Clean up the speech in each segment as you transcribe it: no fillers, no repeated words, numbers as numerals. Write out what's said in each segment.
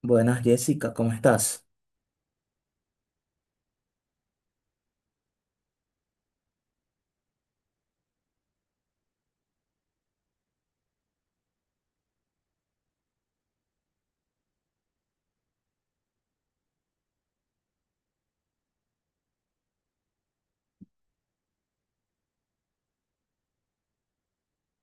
Buenas, Jessica, ¿cómo estás?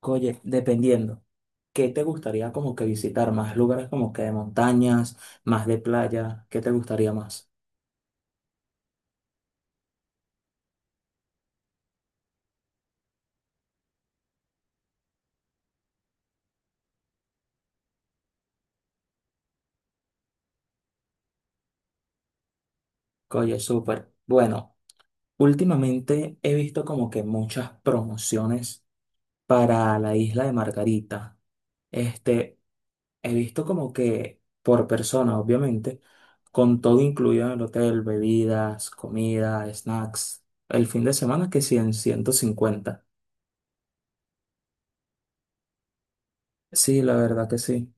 Oye, dependiendo, ¿qué te gustaría como que visitar? ¿Más lugares como que de montañas, más de playa? ¿Qué te gustaría más? Oye, súper. Bueno, últimamente he visto como que muchas promociones para la isla de Margarita. Este, He visto como que por persona, obviamente, con todo incluido en el hotel, bebidas, comida, snacks, el fin de semana que sí en 150. Sí, la verdad que sí.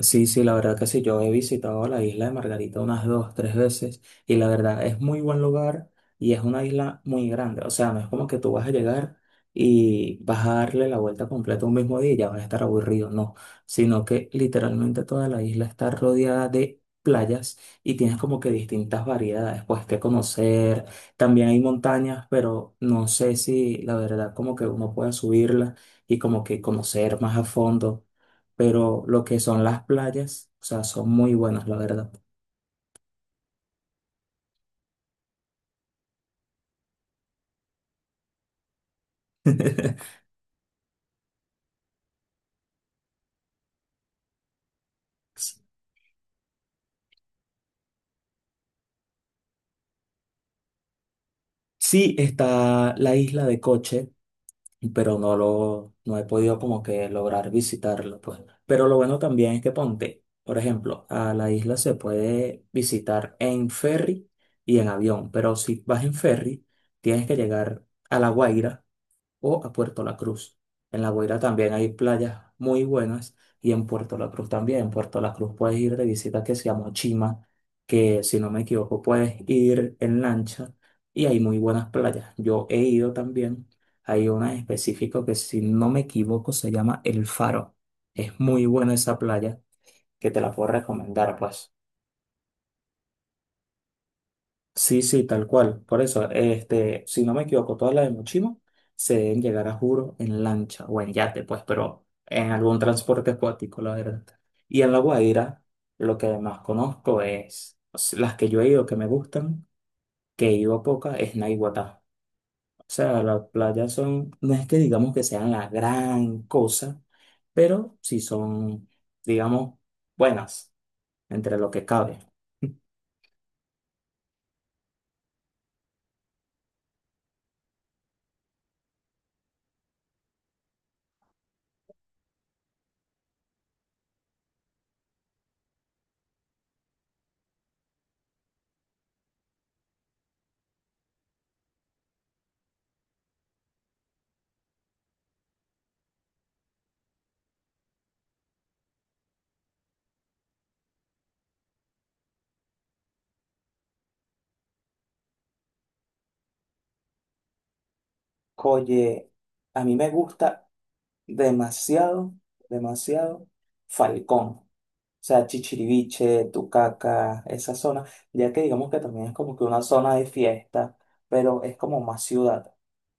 Sí, sí, la verdad que sí, yo he visitado la isla de Margarita unas dos, tres veces y la verdad es muy buen lugar y es una isla muy grande, o sea, no es como que tú vas a llegar y vas a darle la vuelta completa un mismo día y ya vas a estar aburrido, no, sino que literalmente toda la isla está rodeada de playas y tienes como que distintas variedades, pues que conocer, también hay montañas, pero no sé si la verdad como que uno pueda subirla y como que conocer más a fondo, pero lo que son las playas, o sea, son muy buenas, la verdad. Sí, está la isla de Coche, pero no he podido como que lograr visitarlo, pues. Pero lo bueno también es que ponte, por ejemplo, a la isla se puede visitar en ferry y en avión, pero si vas en ferry, tienes que llegar a La Guaira o a Puerto La Cruz. En La Guaira también hay playas muy buenas y en Puerto La Cruz también. En Puerto La Cruz puedes ir de visita que se llama Chima, que si no me equivoco puedes ir en lancha y hay muy buenas playas. Yo he ido también. Hay una en específico que si no me equivoco se llama El Faro. Es muy buena esa playa, que te la puedo recomendar, pues. Sí, sí, tal cual. Por eso, si no me equivoco, todas las de Mochima se deben llegar a Juro en lancha o en yate, pues, pero en algún transporte acuático, la verdad. Y en La Guaira, lo que más conozco es las que yo he ido que me gustan, que he ido a poca, es Naiguatá. O sea, las playas son, no es que digamos que sean la gran cosa, pero sí son, digamos, buenas entre lo que cabe. Oye, a mí me gusta demasiado, demasiado Falcón. O sea, Chichiriviche, Tucaca, esa zona, ya que digamos que también es como que una zona de fiesta, pero es como más ciudad. O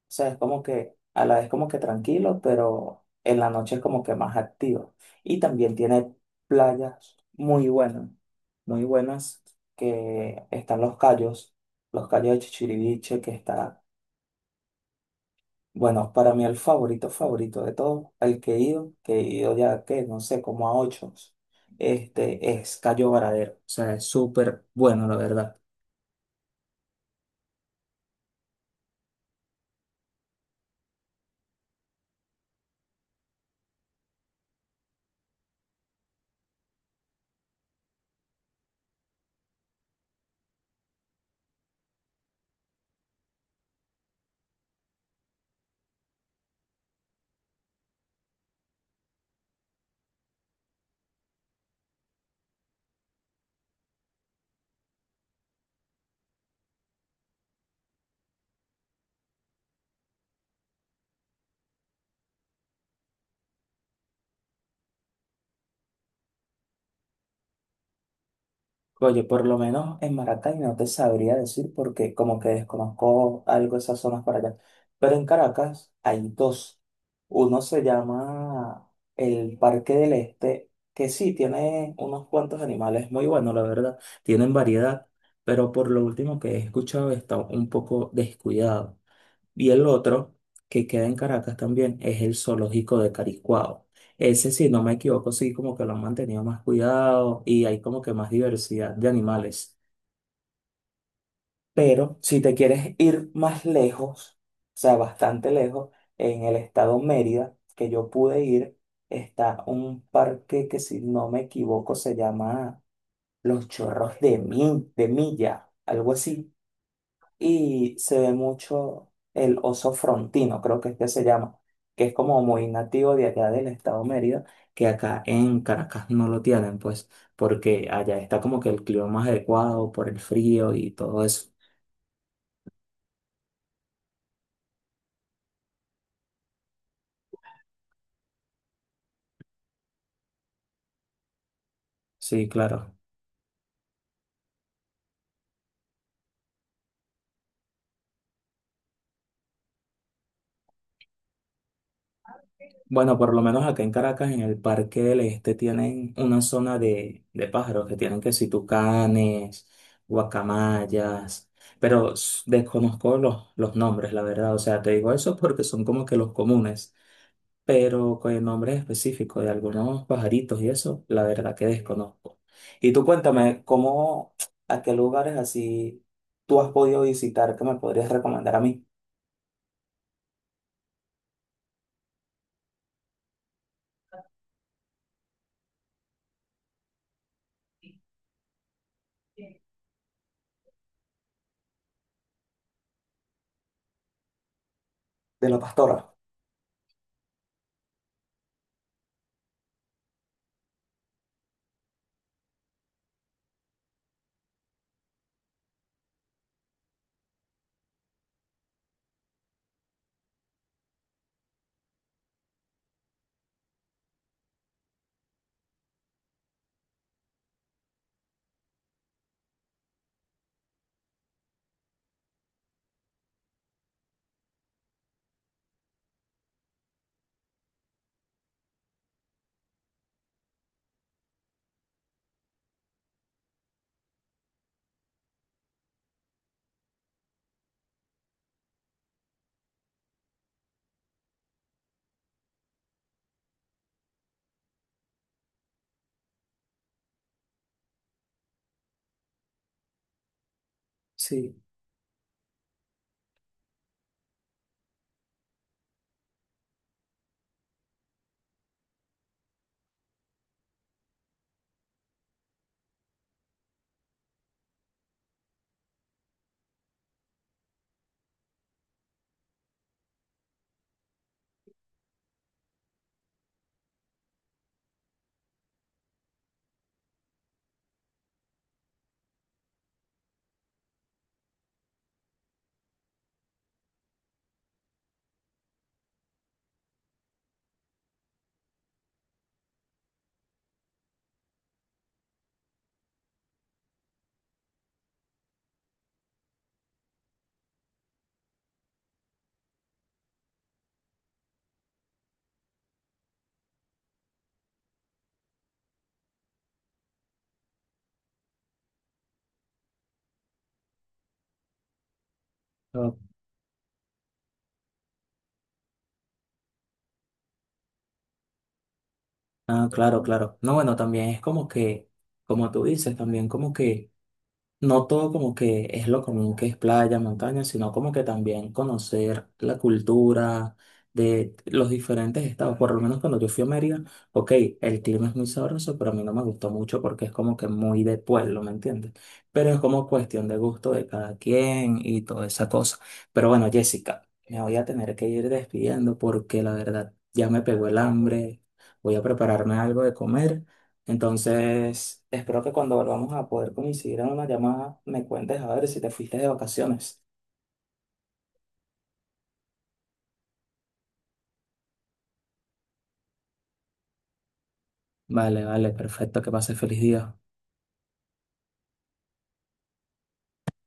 sea, es como que a la vez como que tranquilo, pero en la noche es como que más activo. Y también tiene playas muy buenas, que están los cayos de Chichiriviche, que está bueno, para mí el favorito, favorito de todos, el que he ido ya que no sé, como a ocho, es Cayo Varadero. O sea, es súper bueno, la verdad. Oye, por lo menos en Maracay no te sabría decir porque como que desconozco algo de esas zonas para allá. Pero en Caracas hay dos. Uno se llama el Parque del Este, que sí, tiene unos cuantos animales muy buenos, la verdad. Tienen variedad, pero por lo último que he escuchado está un poco descuidado. Y el otro, que queda en Caracas también, es el zoológico de Caricuao. Ese, si no me equivoco, sí como que lo han mantenido más cuidado y hay como que más diversidad de animales. Pero si te quieres ir más lejos, o sea, bastante lejos, en el estado Mérida, que yo pude ir, está un parque que si no me equivoco se llama Los Chorros de, de Milla, algo así, y se ve mucho el oso frontino, creo que es que se llama, que es como muy nativo de allá del estado Mérida, que acá en Caracas no lo tienen, pues, porque allá está como que el clima más adecuado por el frío y todo eso. Sí, claro. Bueno, por lo menos acá en Caracas, en el Parque del Este, tienen una zona de pájaros que tienen que si tucanes, guacamayas, pero desconozco los nombres, la verdad. O sea, te digo eso porque son como que los comunes, pero con nombres específicos de algunos pajaritos y eso, la verdad que desconozco. Y tú cuéntame, ¿cómo, a qué lugares así tú has podido visitar que me podrías recomendar a mí de la pastora? Sí. Ah, claro, claro. No, bueno, también es como que, como tú dices, también como que no todo como que es lo común que es playa, montaña, sino como que también conocer la cultura de los diferentes estados. Por lo menos cuando yo fui a Mérida, ok, el clima es muy sabroso, pero a mí no me gustó mucho porque es como que muy de pueblo, ¿me entiendes? Pero es como cuestión de gusto de cada quien y toda esa cosa. Pero bueno, Jessica, me voy a tener que ir despidiendo porque la verdad ya me pegó el hambre. Voy a prepararme algo de comer. Entonces, espero que cuando volvamos a poder coincidir en una llamada, me cuentes a ver si te fuiste de vacaciones. Vale, vale, perfecto, que pases feliz día.